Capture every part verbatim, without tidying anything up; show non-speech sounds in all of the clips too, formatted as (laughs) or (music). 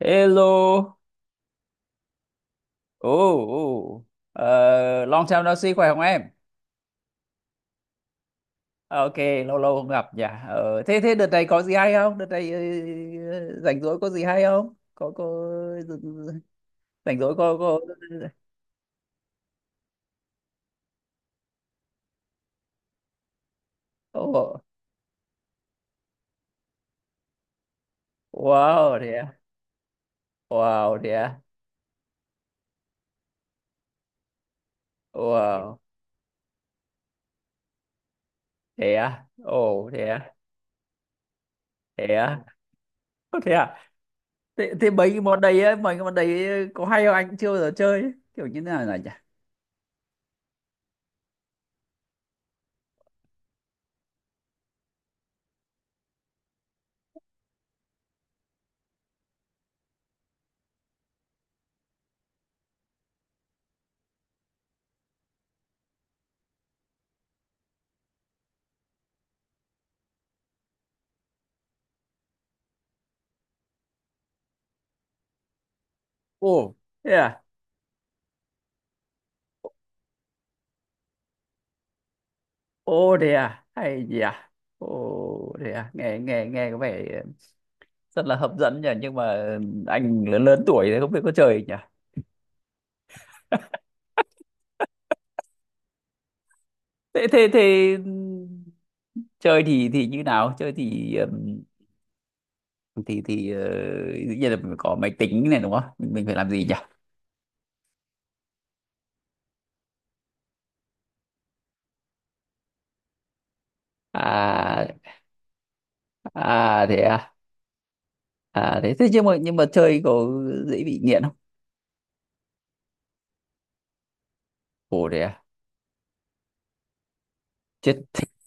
Hello. Ồ, ồ. Ờ, Long time no see, khỏe không em? Ờ, Ok, lâu lâu không gặp nhỉ. Ờ, thế thế đợt này có gì hay không? Đợt này ờ, rảnh rỗi có gì hay không? Có có rảnh rỗi có có Ồ, wow, thế à? Wow, thế à? Wow, thế à? Ồ, thế à? Thế à? Ồ, thế à? Thế, thế mấy cái món đấy ấy, mấy cái món đấy có hay không anh cũng chưa bao giờ chơi ấy. Kiểu như thế nào nhỉ? Ồ, thế à? Ô thế à? Hay gì à? Ô thế à? Nghe nghe nghe có vẻ rất là hấp dẫn nhỉ, nhưng mà ừ, anh lớn lớn tuổi thì không biết có chơi nhỉ. Thế thế thế ừ, Chơi thì thì như nào? Chơi thì ừm, thì thì ờ, dĩ nhiên là mình có máy tính này đúng không? Mình, mình phải làm gì nhỉ? À à thế à. À thế thế nhưng mà nhưng mà chơi có dễ bị nghiện không? Ồ thế à. Chết. (laughs)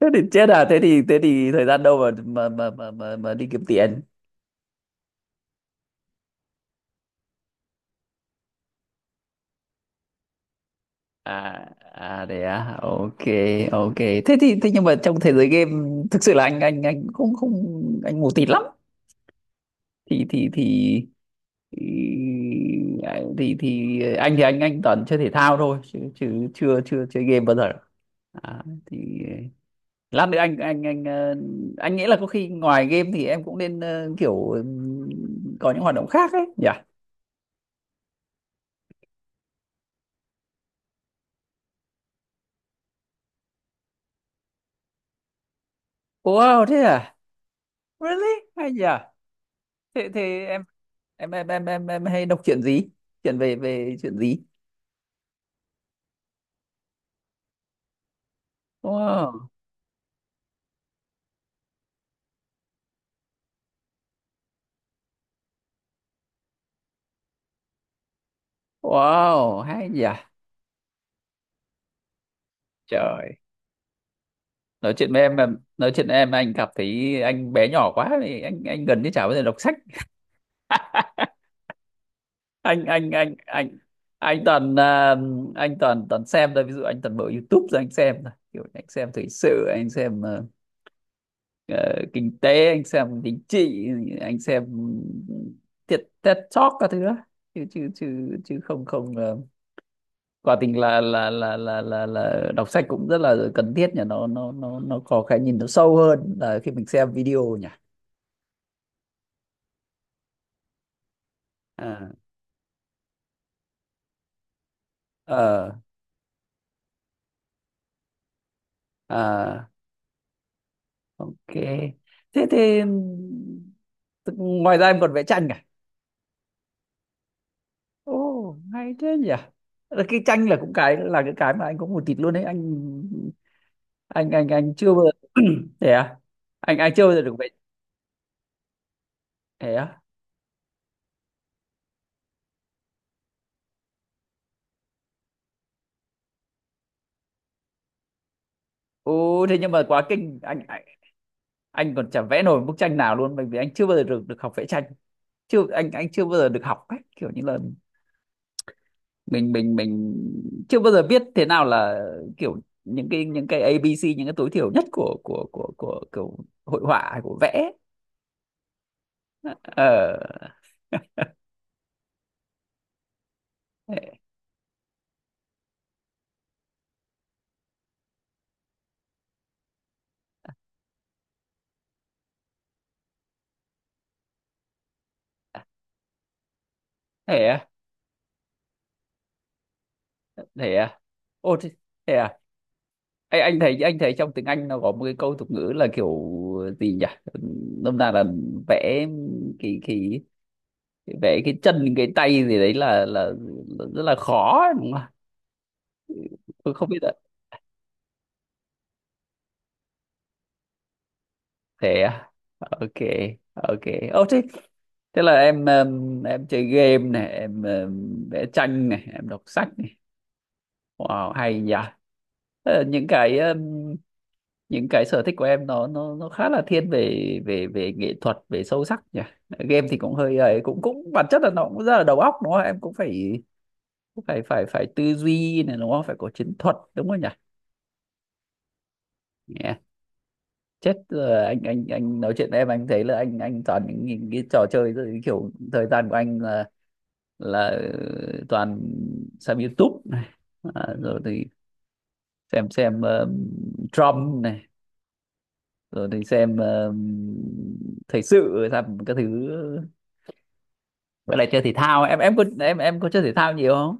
Thế thì chết à, thế thì thế thì thời gian đâu mà mà mà mà, mà, mà đi kiếm tiền. À à đấy à ok. Ok thế thì thế nhưng mà trong thế giới game thực sự là anh anh anh không không anh mù tịt lắm thì thì thì thì thì, thì anh thì anh anh toàn chơi thể thao thôi chứ chứ chưa chưa chơi game bao giờ. À, thì lát nữa anh anh anh ờ, anh nghĩ là có khi ngoài game thì em cũng nên ờ, kiểu ừm, có những hoạt động khác ấy nhỉ. Wow thế à, really, hay nhỉ. Thế thế em em em em em, em hay đọc chuyện gì, chuyện về về chuyện gì? Wow, wow hay nhỉ. Trời, nói chuyện với em mà nói chuyện với em anh cảm thấy anh bé nhỏ quá thì anh anh gần như chả bao giờ đọc sách. (laughs) anh anh anh anh anh toàn à, anh toàn toàn xem thôi, ví dụ anh toàn mở YouTube rồi anh xem thôi, kiểu anh xem thời sự, anh xem ờ, ờ, kinh tế, anh xem chính trị, anh xem thiệt TED Talk các thứ đó, chứ chứ chứ chứ không không ờ, quả tình là là là là là là đọc sách cũng rất là cần thiết nhỉ, nó nó nó nó có cái nhìn nó sâu hơn là khi mình xem video nhỉ. à, ờ, à, ok thế thì tức- ngoài ra em còn vẽ tranh cả. Ồ hay thế nhỉ, là cái tranh là cũng cái là cái cái mà anh có một tịt luôn đấy anh anh anh anh chưa bao giờ (clears throat) thế à. Anh anh chưa bao giờ được vẽ. Thế à, ồ thế nhưng mà quá kinh anh anh còn chả vẽ nổi bức tranh nào luôn, bởi vì anh chưa bao giờ được được học vẽ tranh. Chưa, anh anh chưa bao giờ được học cách kiểu như là mình mình mình chưa bao giờ biết thế nào là kiểu những cái, những cái A ABC, những cái tối thiểu nhất của của của của kiểu hội họa hay của vẽ. ờ thế thế à, thế à, ô thế, thế à. Anh anh thấy anh thấy trong tiếng Anh nó có một cái câu tục ngữ là kiểu gì nhỉ, nôm na là vẽ kỳ kỳ, vẽ cái chân cái tay gì đấy là là, là rất là khó ấy, đúng không? Tôi không biết ạ. Thế à? Ok, ok. Ô thế thế là em em, em chơi game này, em, em vẽ tranh này, em đọc sách này. Wow, hay nhỉ. Thế là những cái em, những cái sở thích của em nó nó nó khá là thiên về về về nghệ thuật, về sâu sắc nhỉ. Game thì cũng hơi ấy, cũng cũng bản chất là nó cũng rất là đầu óc đúng không? Em cũng phải cũng phải phải phải tư duy này đúng không? Phải có chiến thuật đúng không nhỉ? Yeah. Chết rồi, anh anh anh nói chuyện với em anh thấy là anh anh toàn những, những cái trò chơi rồi, cái kiểu thời gian của anh là là ừ, toàn xem YouTube này, à, rồi thì xem xem um, Trump này, rồi thì xem um, thời sự, xem các thứ. Vậy là chơi thể thao em em có em em có chơi thể thao nhiều không?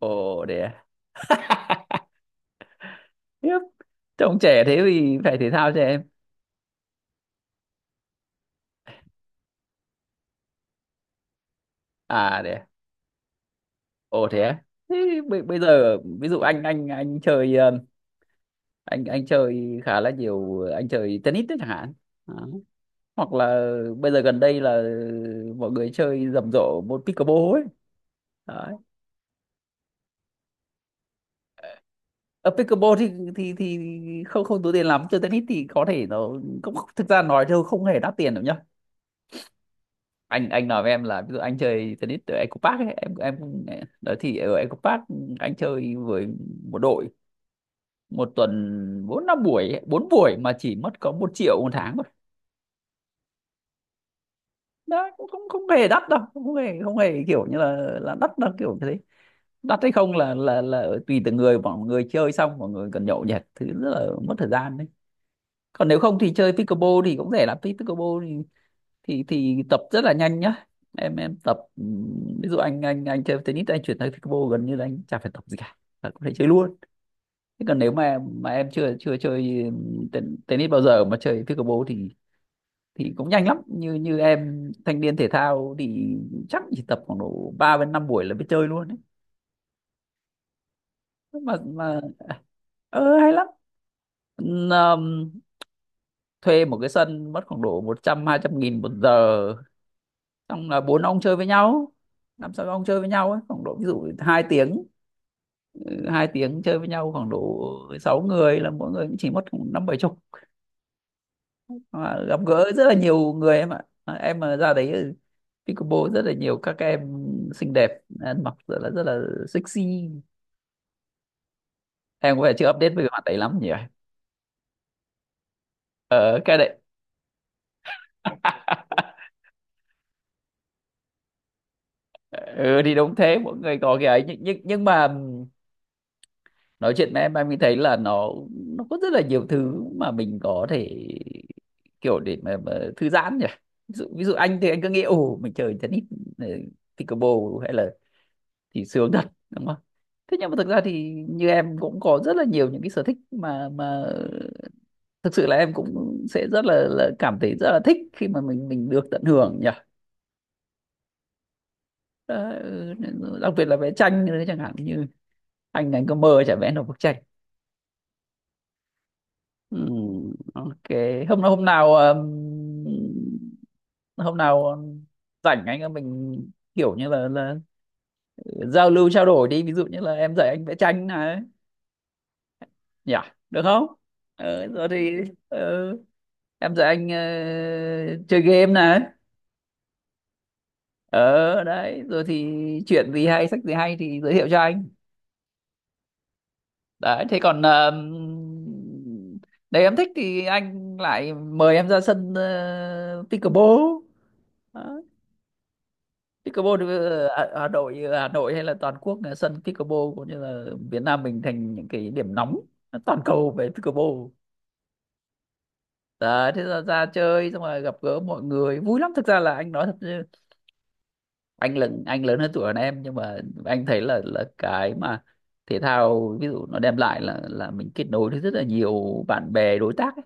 Ồ để tiếp, trông trẻ thế thì phải thể thao cho em. À để à? Ồ thế à? Thế bây, bây giờ ví dụ anh anh anh chơi ờ, anh anh chơi khá là nhiều, anh chơi tennis đấy chẳng hạn. Đó. Hoặc là bây giờ gần đây là mọi người chơi rầm rộ môn pickleball ấy. Đấy. Ở pickleball thì thì thì không không tốn tiền lắm, chơi tennis thì có thể nó cũng, thực ra nói thôi không hề đắt tiền đâu nhá. Anh anh nói với em là ví dụ anh chơi tennis ở Eco Park ấy, em em cũng đó thì ở Eco Park anh chơi với một đội, một tuần bốn năm buổi ấy, bốn buổi mà chỉ mất có một triệu một tháng. Đó cũng không không hề đắt đâu, không hề không hề kiểu như là là đắt đâu, kiểu như thế. Đắt hay không là là là tùy từng người, mọi người chơi xong mọi người cần nhậu nhẹt thứ rất là mất thời gian đấy. Còn nếu không thì chơi pickleball thì cũng rẻ lắm, pickleball thì thì thì tập rất là nhanh nhá. Em em tập ừm, ví dụ anh anh anh chơi tennis, anh chuyển sang pickleball gần như là anh chả phải tập gì cả là có thể chơi luôn. Thế còn nếu mà mà em chưa chưa chơi ừm, ten- tennis bao giờ mà chơi pickleball thì thì cũng nhanh lắm, như như em thanh niên thể thao thì chắc chỉ tập khoảng độ ba đến năm buổi là biết chơi luôn ấy. Mà mà ờ hay lắm. Ừm, thuê một cái sân mất khoảng độ một trăm hai trăm nghìn một giờ, xong là bốn ông chơi với nhau, năm sáu ông chơi với nhau ấy khoảng độ ví dụ hai tiếng. ừ, hai tiếng chơi với nhau khoảng độ sáu người là mỗi người cũng chỉ mất khoảng năm bảy chục. Mà gặp gỡ rất là nhiều người em ạ. À, em mà ra đấy, ừ, pickleball rất là nhiều các em xinh đẹp, ăn mặc rất là rất là sexy. Em có vẻ chưa update về mặt đấy lắm nhỉ. Ờ cái đấy. (laughs) Ừ thì đúng thế, mỗi người có cái ấy, nhưng nhưng, nhưng mà ừm, nói chuyện với em em mới thấy là nó nó có rất là nhiều thứ mà mình có thể kiểu để mà, mà thư giãn nhỉ. ví dụ, ví dụ anh thì anh cứ nghĩ ồ mình chơi tennis, ờ, pickleball hay là thì sướng thật đúng không? Thế nhưng mà thực ra thì như em cũng có rất là nhiều những cái sở thích mà mà thực sự là em cũng sẽ rất là, là cảm thấy rất là thích khi mà mình mình được tận hưởng nhỉ. Đó, ừ, đặc biệt là vẽ tranh nữa chẳng hạn, như anh anh có mơ chả vẽ được bức tranh. ừ, ok. hôm nào hôm nào ừm, hôm nào rảnh anh em mình kiểu như là là giao lưu trao đổi đi, ví dụ như là em dạy anh vẽ tranh này nhỉ, được không? ờ, rồi thì ờ, em dạy anh ờ, chơi game này. Ờ đấy, rồi thì chuyện gì hay, sách gì hay thì giới thiệu cho anh. Đấy, thế còn ờ, đấy em thích thì anh lại mời em ra sân ờ, pickleball. Đó. Pickleball thì, ờ, ở Hà Nội Hà Nội hay là toàn quốc là sân pickleball cũng như là Việt Nam mình thành những cái điểm nóng toàn cầu về pickleball. Đấy, thế là ra chơi xong rồi gặp gỡ mọi người vui lắm, thực ra là anh nói thật chứ, anh lớn anh lớn hơn tuổi hơn em nhưng mà anh thấy là là cái mà thể thao ví dụ nó đem lại là là mình kết nối với rất là nhiều bạn bè đối tác ấy.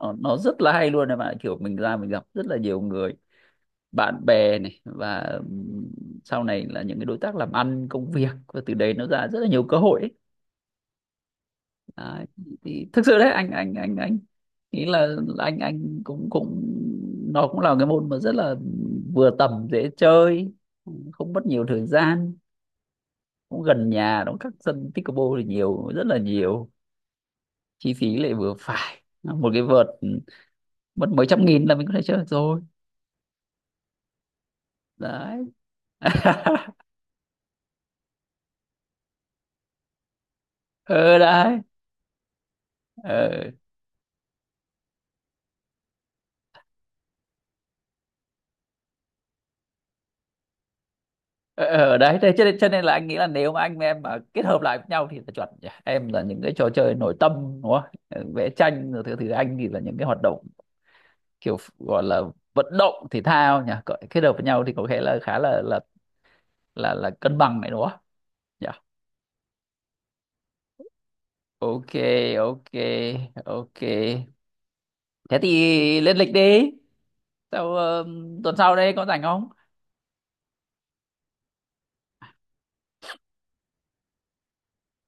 Nó nó rất là hay luôn em ạ, kiểu mình ra mình gặp rất là nhiều người bạn bè này và ừm, sau này là những cái đối tác làm ăn công việc và từ đấy nó ra rất là nhiều cơ hội ấy. Đấy, thì thực sự đấy anh anh anh anh nghĩ là là anh anh cũng cũng nó cũng là cái môn mà rất là vừa tầm, dễ chơi, không mất nhiều thời gian, cũng gần nhà nó, các sân pickleball thì nhiều rất là nhiều, chi phí lại vừa phải, một cái vợt ừ, mất mấy trăm nghìn là mình có thể chơi được rồi. Đấy. (laughs) ờ đấy ờ Ờ, ở đấy, thế cho nên, cho nên là anh nghĩ là nếu mà anh với em mà kết hợp lại với nhau thì là chuẩn nhỉ, em là những cái trò chơi nội tâm đúng không? Ờ, vẽ tranh rồi thứ thứ anh thì là những cái hoạt động kiểu gọi là vận động thể thao nhỉ. Cỡ- kết hợp với nhau thì có thể là khá là là là là cân bằng này đúng không nhỉ? Ok ok ok, thế thì lên lịch đi. Sau ờ, tuần sau đây có rảnh không?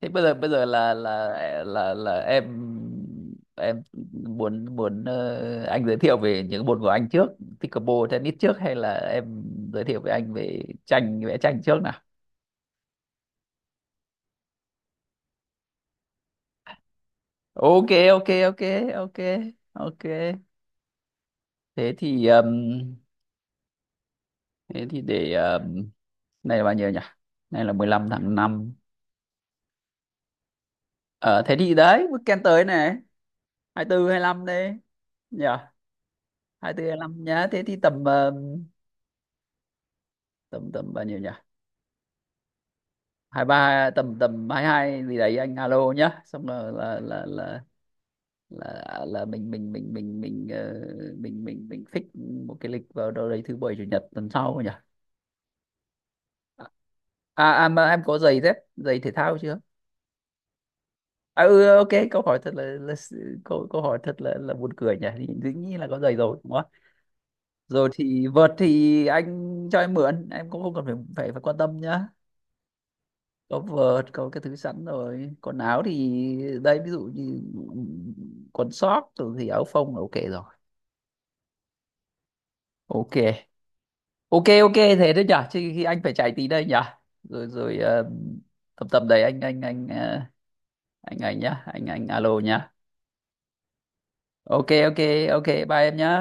Thế bây giờ bây giờ là là là là em em muốn muốn ờ, anh giới thiệu về những môn của anh trước, pickleball tennis trước, hay là em giới thiệu với anh về tranh, vẽ tranh trước nào? Ok ok ok ok Ok, thế thì ừm, thế thì để ừm, này là bao nhiêu nhỉ? Này là mười lăm tháng năm. Ờ thế thì đấy weekend tới này hai mươi tư lăm đấy nhỉ. hai mươi tư nhá, thế thì tầm ờ, tầm tầm bao nhiêu nhỉ, hai ba tầm tầm hai hai gì đấy anh alo nhá, xong rồi là là là là là mình mình mình mình mình ờ, mình mình mình fix một cái lịch vào đâu đấy thứ bảy chủ nhật tuần sau nhỉ. À, à mà em có giày dép, giày thể thao chưa? À ừ ok, câu hỏi thật là, là câu câu hỏi thật là là buồn cười nhỉ, thì dĩ nhiên là có giày rồi đúng không ạ? Rồi thì vợt thì anh cho em mượn, em cũng không cần phải phải, phải quan tâm nhá. Có vợt có cái thứ sẵn rồi, còn áo thì đây ví dụ như quần sót rồi thì áo phông là ok rồi. Ok ok ok thế đấy nhở, chứ khi anh phải chạy tí đây nhở. Rồi rồi ờ, tầm tầm đấy anh anh anh ờ, anh anh nhá anh anh alo nhá. Ok ok ok bye em nhá.